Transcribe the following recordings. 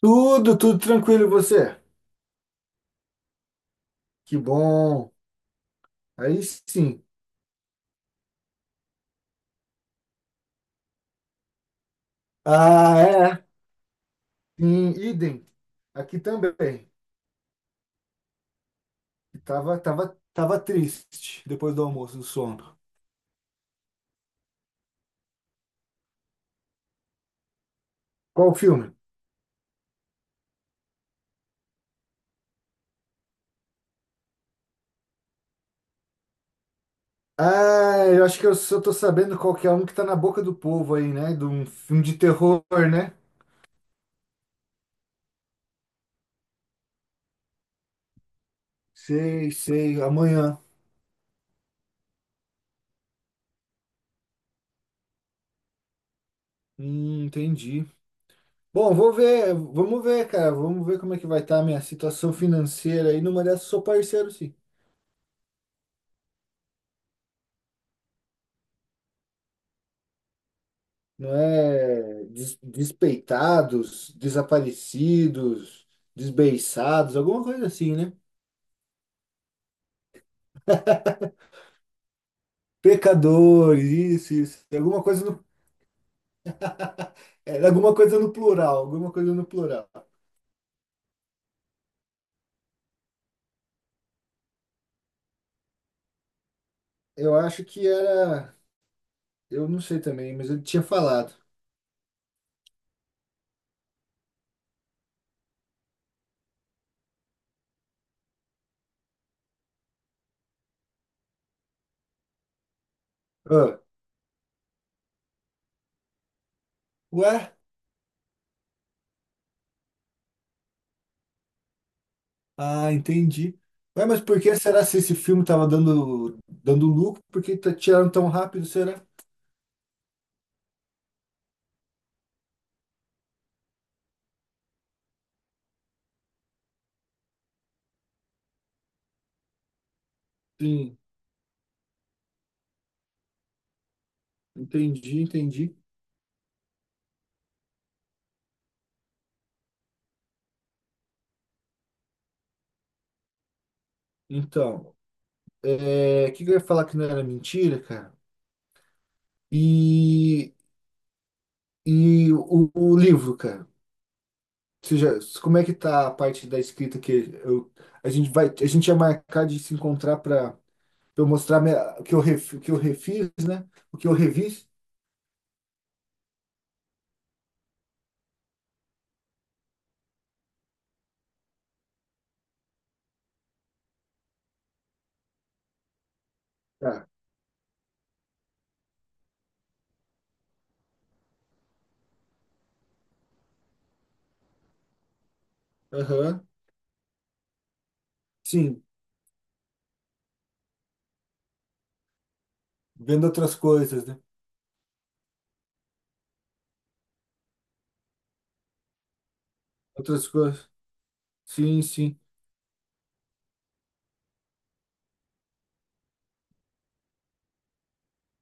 Tudo, tudo tranquilo, e você? Que bom. Aí sim. Ah, é? Sim, idem. Aqui também. Tava triste depois do almoço, do sono. Qual o filme? Ah, eu acho que eu só tô sabendo qual que é um que tá na boca do povo aí, né? De um filme de terror, né? Sei, sei, amanhã. Entendi. Bom, vou ver, vamos ver, cara. Vamos ver como é que vai estar a minha situação financeira aí. Numa dessas, sou parceiro, sim. Não é despeitados, desaparecidos, desbeiçados, alguma coisa assim, né? Pecadores, isso, alguma coisa no, era alguma coisa no plural, alguma coisa no plural. Eu acho que era, eu não sei também, mas ele tinha falado. Ah, ué? Ah, entendi. Ué, mas por que será se esse filme estava dando lucro? Por que tá tirando tão rápido, será? Sim, entendi, entendi. Então, o que que eu ia falar que não era mentira, cara? E, e o livro, cara, você já, como é que tá a parte da escrita que eu, a gente vai, a gente ia marcar de se encontrar para eu mostrar o que eu o que eu refiz, né? O que eu revis? Tá. Aham. Sim, vendo outras coisas, né? Outras coisas. Sim, sim.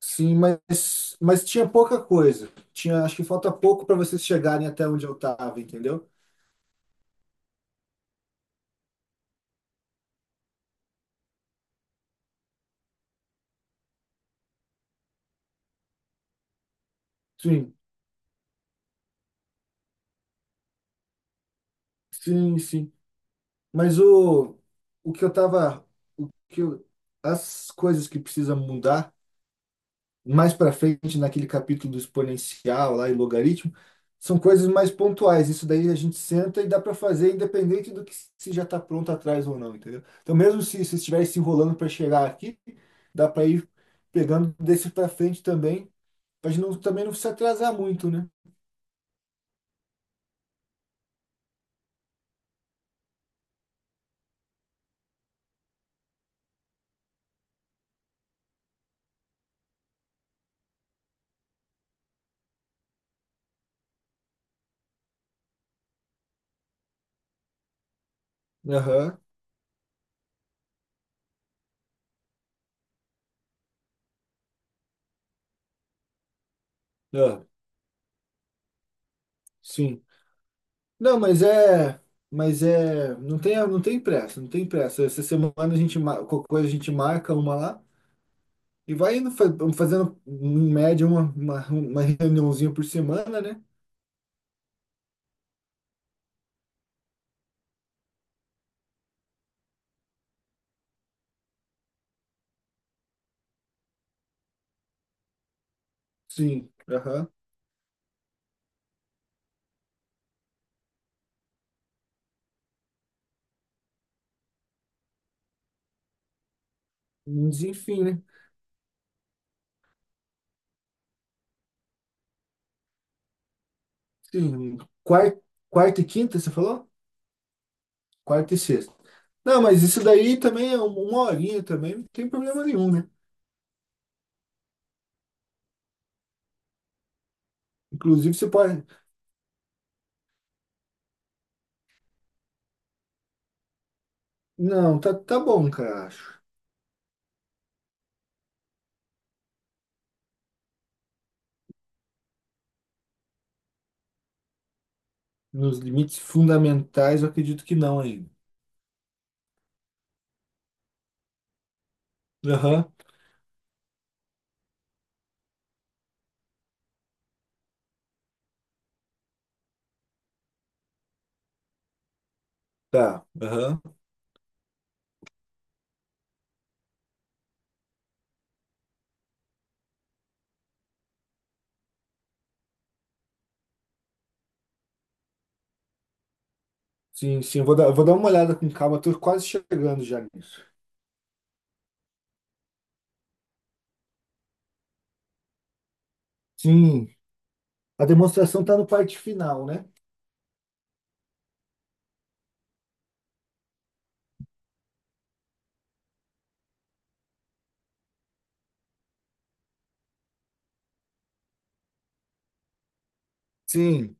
Sim, mas tinha pouca coisa. Tinha, acho que falta pouco para vocês chegarem até onde eu tava, entendeu? Sim. Sim, sim. Mas o que eu tava, o que eu- as coisas que precisam mudar mais para frente naquele capítulo do exponencial lá e logaritmo são coisas mais pontuais. Isso daí a gente senta e dá para fazer independente do que se já está pronto atrás ou não, entendeu? Então mesmo se estiver se enrolando para chegar aqui, dá para ir pegando desse para frente também, para não também não se atrasar muito, né? Aham. Ah, sim. Não, mas é. Mas é. Não tem pressa, não tem pressa. Essa semana qualquer coisa a gente marca uma lá e vai indo, fazendo em média uma reuniãozinha por semana, né? Sim. Aham. Mas enfim, né? Sim. Quarta, quarta e quinta, você falou? Quarta e sexta. Não, mas isso daí também é uma horinha também, não tem problema nenhum, né? Inclusive você pode. Não, tá, tá bom, cara, acho. Nos limites fundamentais, eu acredito que não ainda. Aham. Tá, aham. Sim, sim, vou dar uma olhada com calma, estou quase chegando já nisso. Sim, a demonstração tá no parte final, né? Sim,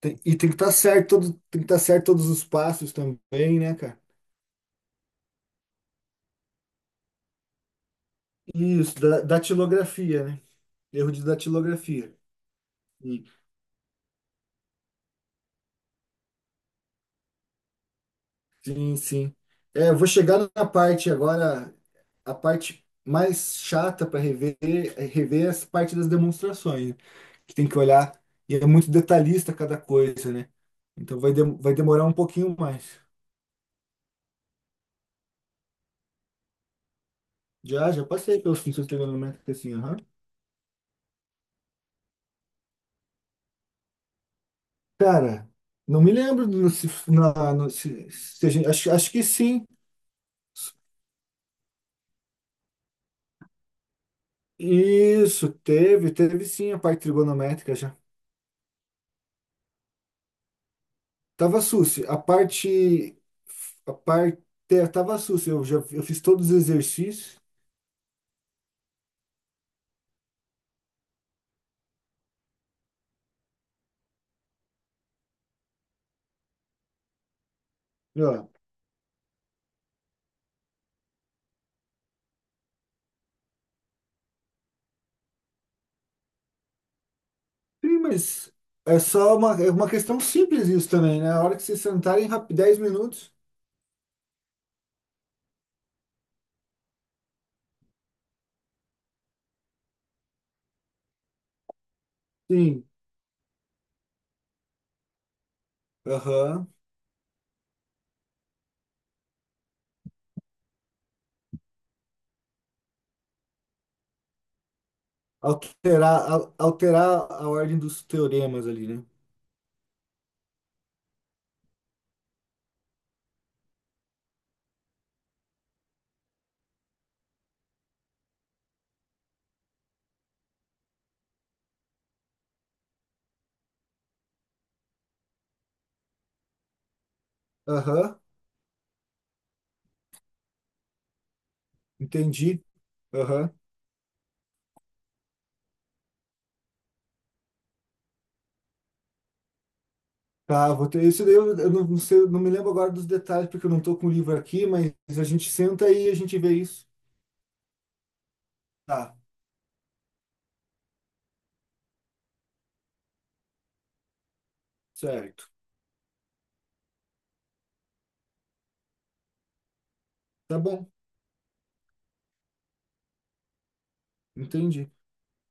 e tem que estar certo todo, tem que estar certo todos os passos também, né, cara? Isso, datilografia, né? Erro de datilografia. Sim, sim. É, eu vou chegar na parte agora, a parte mais chata para rever, é rever essa parte das demonstrações, né? Que tem que olhar, e é muito detalhista cada coisa, né? Então vai demorar um pouquinho mais. Já passei pelos funções trigonométricas assim, aham. Cara, não me lembro no- se, na, no- se a gente, acho que sim. Isso, teve sim a parte trigonométrica já. Tava sucio. A parte. Tava sucio. Eu já eu fiz todos os exercícios. E, ó, sim, mas é uma questão simples isso também, né? A hora que vocês sentarem, 10 minutos. Sim. Aham. Alterar a ordem dos teoremas ali, né? Aham. Entendi. Aham. Tá, vou ter isso daí. Eu não sei, eu não me lembro agora dos detalhes, porque eu não tô com o livro aqui, mas a gente senta aí e a gente vê isso. Tá, certo. Tá bom. Entendi.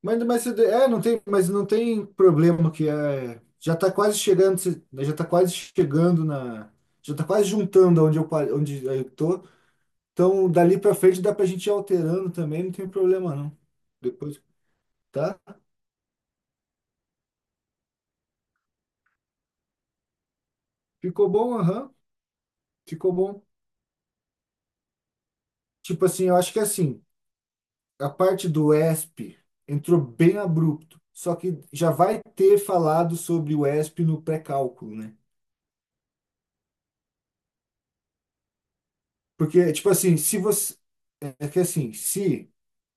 Mas mas não tem problema que é, já está quase chegando, já está quase chegando já está quase juntando onde onde eu tô. Então dali para frente dá para a gente ir alterando também, não tem problema não. Depois, tá? Ficou bom, aham, ficou bom. Tipo assim, eu acho que é assim, a parte do ESP entrou bem abrupto, só que já vai ter falado sobre o ESP no pré-cálculo, né? Porque tipo assim, se você é que assim, se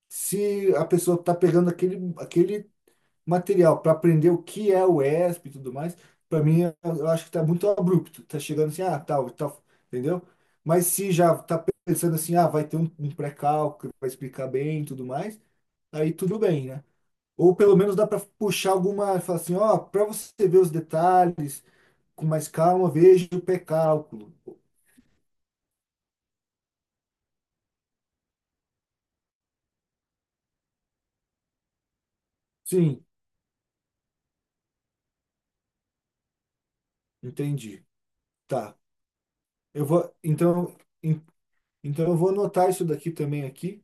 se a pessoa está pegando aquele material para aprender o que é o ESP e tudo mais, para mim eu acho que está muito abrupto. Está chegando assim, ah, tal, tal, entendeu? Mas se já está pensando assim, ah, vai ter um pré-cálculo, vai explicar bem e tudo mais, aí tudo bem, né? Ou pelo menos dá para puxar alguma, falar assim, ó, para você ver os detalhes com mais calma, veja o pré-cálculo. Sim, entendi. Tá. Eu vou, então, en- então eu vou anotar isso daqui também aqui.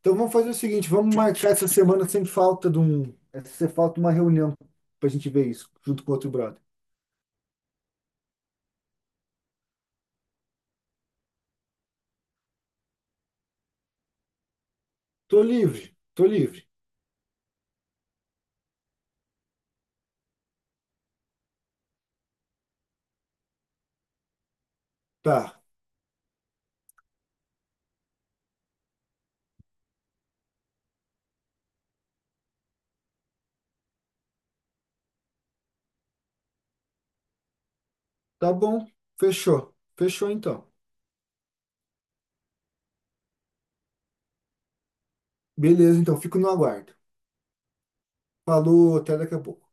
Então vamos fazer o seguinte, vamos marcar essa semana sem falta essa falta uma reunião pra gente ver isso junto com outro brother. Tô livre, tô livre. Tá, tá bom, fechou, fechou então. Beleza, então fico no aguardo. Falou, até daqui a pouco.